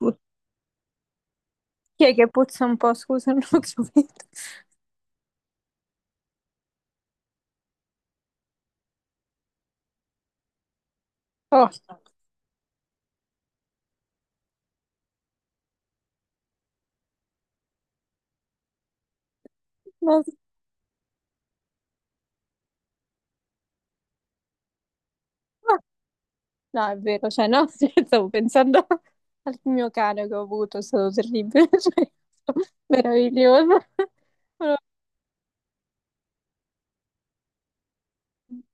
Put- Chi è che puzza un po'? Scusa, non ho capito. Oh, no, no, è vero, cioè, no, stavo pensando al mio cane che ho avuto, è stato terribile, cioè, meraviglioso.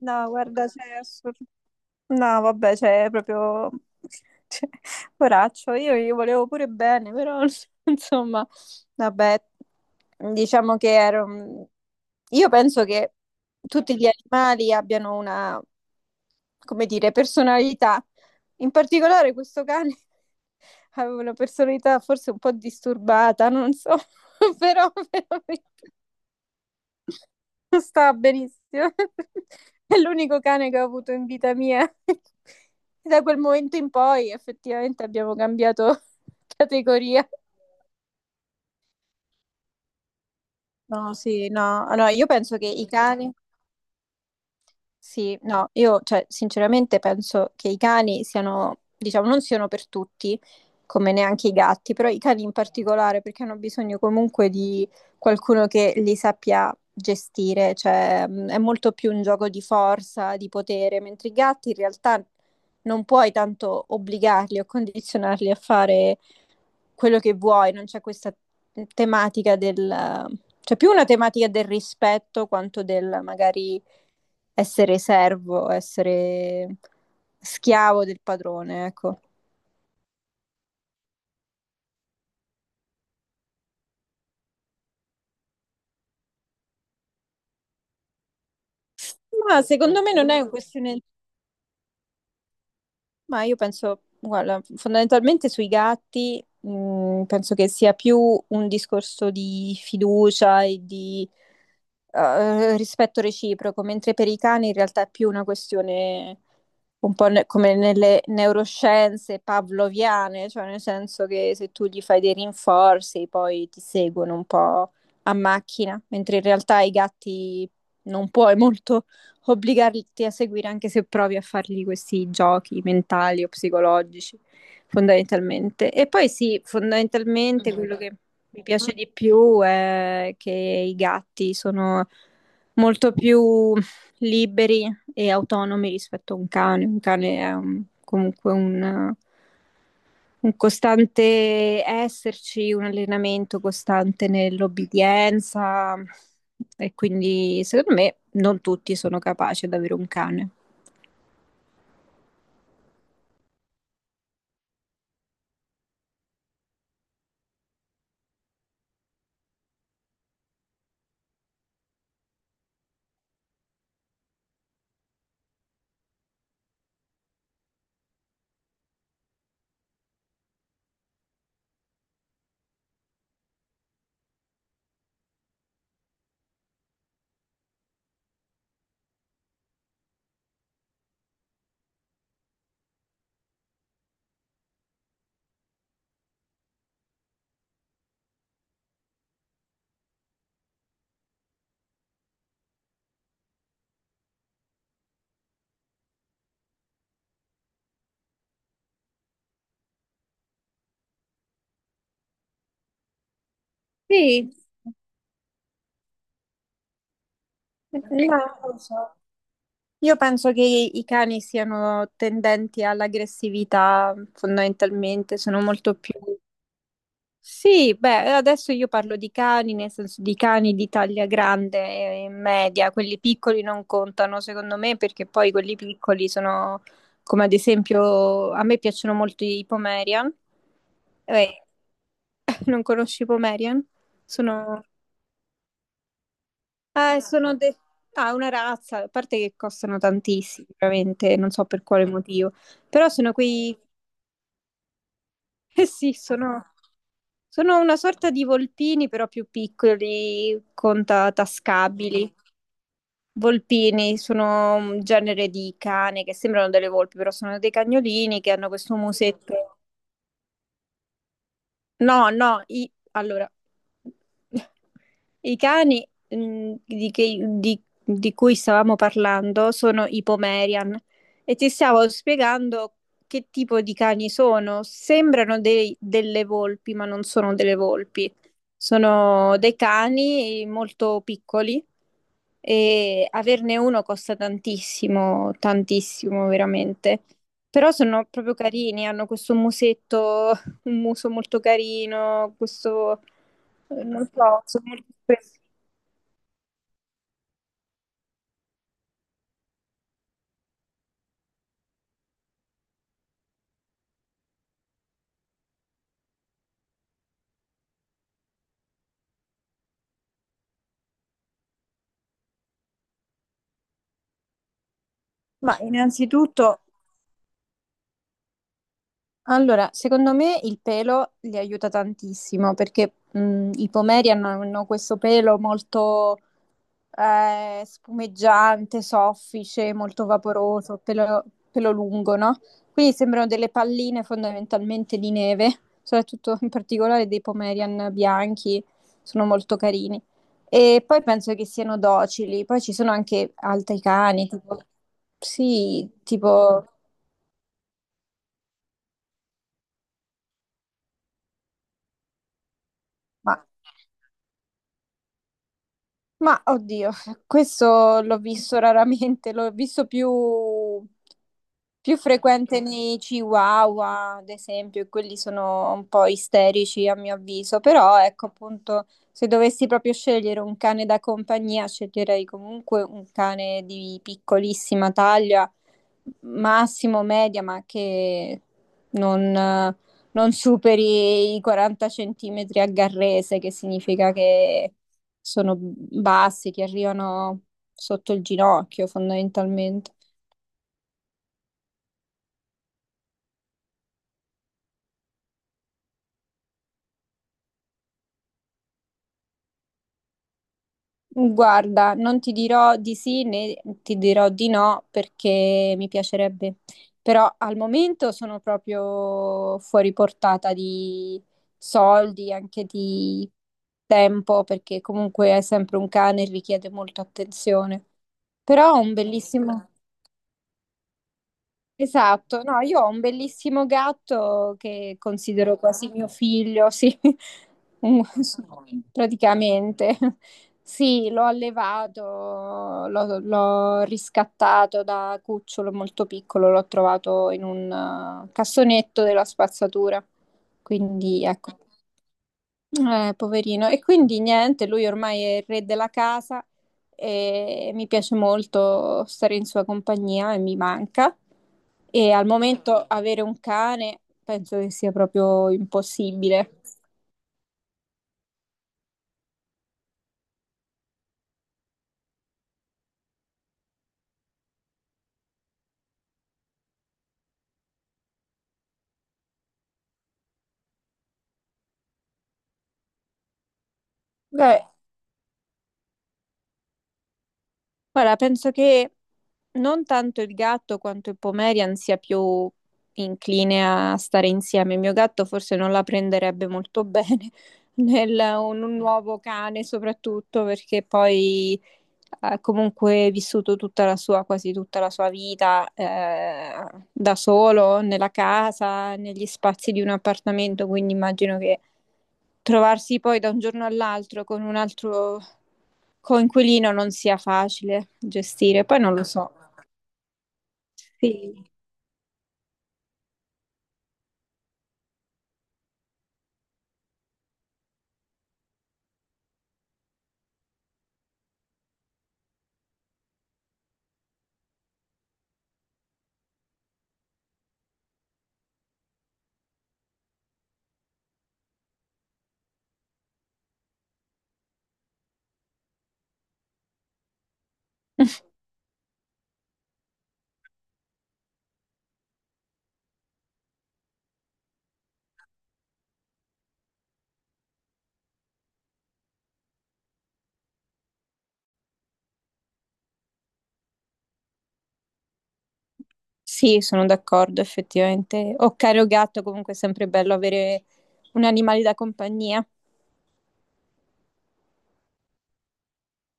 No, guarda, cioè, è assurdo. No, vabbè, cioè, è proprio cioè, poraccio, io gli volevo pure bene, però insomma, vabbè, diciamo che ero... Io penso che tutti gli animali abbiano una, come dire, personalità. In particolare questo cane aveva una personalità forse un po' disturbata, non so, però veramente... Sta benissimo. È l'unico cane che ho avuto in vita mia. E da quel momento in poi effettivamente abbiamo cambiato categoria. No, sì, no. Allora, io penso che i cani. Sì, no, io cioè, sinceramente penso che i cani siano, diciamo, non siano per tutti, come neanche i gatti, però i cani in particolare perché hanno bisogno comunque di qualcuno che li sappia gestire, cioè è molto più un gioco di forza, di potere, mentre i gatti in realtà non puoi tanto obbligarli o condizionarli a fare quello che vuoi, non c'è questa tematica del... C'è più una tematica del rispetto quanto del magari essere servo, essere schiavo del padrone, ecco. Ma secondo me non è una questione. Ma io penso, guarda, fondamentalmente sui gatti, penso che sia più un discorso di fiducia e di rispetto reciproco, mentre per i cani in realtà è più una questione un po' come nelle neuroscienze pavloviane, cioè nel senso che se tu gli fai dei rinforzi poi ti seguono un po' a macchina, mentre in realtà i gatti non puoi molto obbligarti a seguire anche se provi a fargli questi giochi mentali o psicologici, fondamentalmente. E poi sì, fondamentalmente quello che mi piace di più è che i gatti sono molto più liberi e autonomi rispetto a un cane. Un cane è comunque un costante esserci, un allenamento costante nell'obbedienza e quindi secondo me non tutti sono capaci ad avere un cane. Sì, no, non lo so. Io penso che i cani siano tendenti all'aggressività, fondamentalmente, sono molto più. Sì, beh, adesso io parlo di cani, nel senso di cani di taglia grande e media, quelli piccoli non contano secondo me perché poi quelli piccoli sono come ad esempio a me piacciono molto i Pomerian. Eh, non conosci i Pomerian? Sono, eh, sono de- ah, una razza, a parte che costano tantissimo, veramente, non so per quale motivo, però sono quei, eh sì, sono... Sono una sorta di volpini, però più piccoli, con tascabili. Volpini sono un genere di cane che sembrano delle volpi, però sono dei cagnolini che hanno questo musetto. No, no, allora, i cani di cui stavamo parlando sono i Pomerian e ti stavo spiegando che tipo di cani sono. Sembrano delle volpi, ma non sono delle volpi. Sono dei cani molto piccoli e averne uno costa tantissimo, tantissimo veramente. Però sono proprio carini, hanno questo musetto, un muso molto carino, questo, non so, sono molto espressivi. Ma innanzitutto, allora, secondo me il pelo li aiuta tantissimo perché i pomeri hanno questo pelo molto spumeggiante, soffice, molto vaporoso, pelo, pelo lungo, no? Quindi sembrano delle palline fondamentalmente di neve, soprattutto in particolare dei pomerian bianchi, sono molto carini. E poi penso che siano docili, poi ci sono anche altri cani, tipo, sì, tipo, ma Ma oddio, questo l'ho visto raramente, l'ho visto più, più frequente nei Chihuahua, ad esempio, e quelli sono un po' isterici a mio avviso, però ecco appunto, se dovessi proprio scegliere un cane da compagnia, sceglierei comunque un cane di piccolissima taglia, massimo media, ma che non, non superi i 40 centimetri a garrese, che significa che sono bassi che arrivano sotto il ginocchio fondamentalmente. Guarda, non ti dirò di sì né ti dirò di no perché mi piacerebbe, però al momento sono proprio fuori portata di soldi, anche di tempo, perché comunque è sempre un cane e richiede molta attenzione. Però ho un bellissimo... Esatto, no, io ho un bellissimo gatto che considero quasi mio figlio, sì, un, praticamente, sì, l'ho allevato, l'ho riscattato da cucciolo molto piccolo, l'ho trovato in un cassonetto della spazzatura. Quindi, ecco, poverino. E quindi niente, lui ormai è il re della casa e mi piace molto stare in sua compagnia e mi manca. E al momento avere un cane penso che sia proprio impossibile. Beh, guarda, penso che non tanto il gatto quanto il Pomerian sia più incline a stare insieme. Il mio gatto forse non la prenderebbe molto bene nel, un nuovo cane, soprattutto perché poi ha comunque vissuto tutta la sua, quasi tutta la sua vita da solo, nella casa, negli spazi di un appartamento, quindi immagino che trovarsi poi da un giorno all'altro con un altro coinquilino non sia facile gestire. Poi non lo so. Sì, sono d'accordo, effettivamente. O caro gatto, comunque è sempre bello avere un animale da compagnia.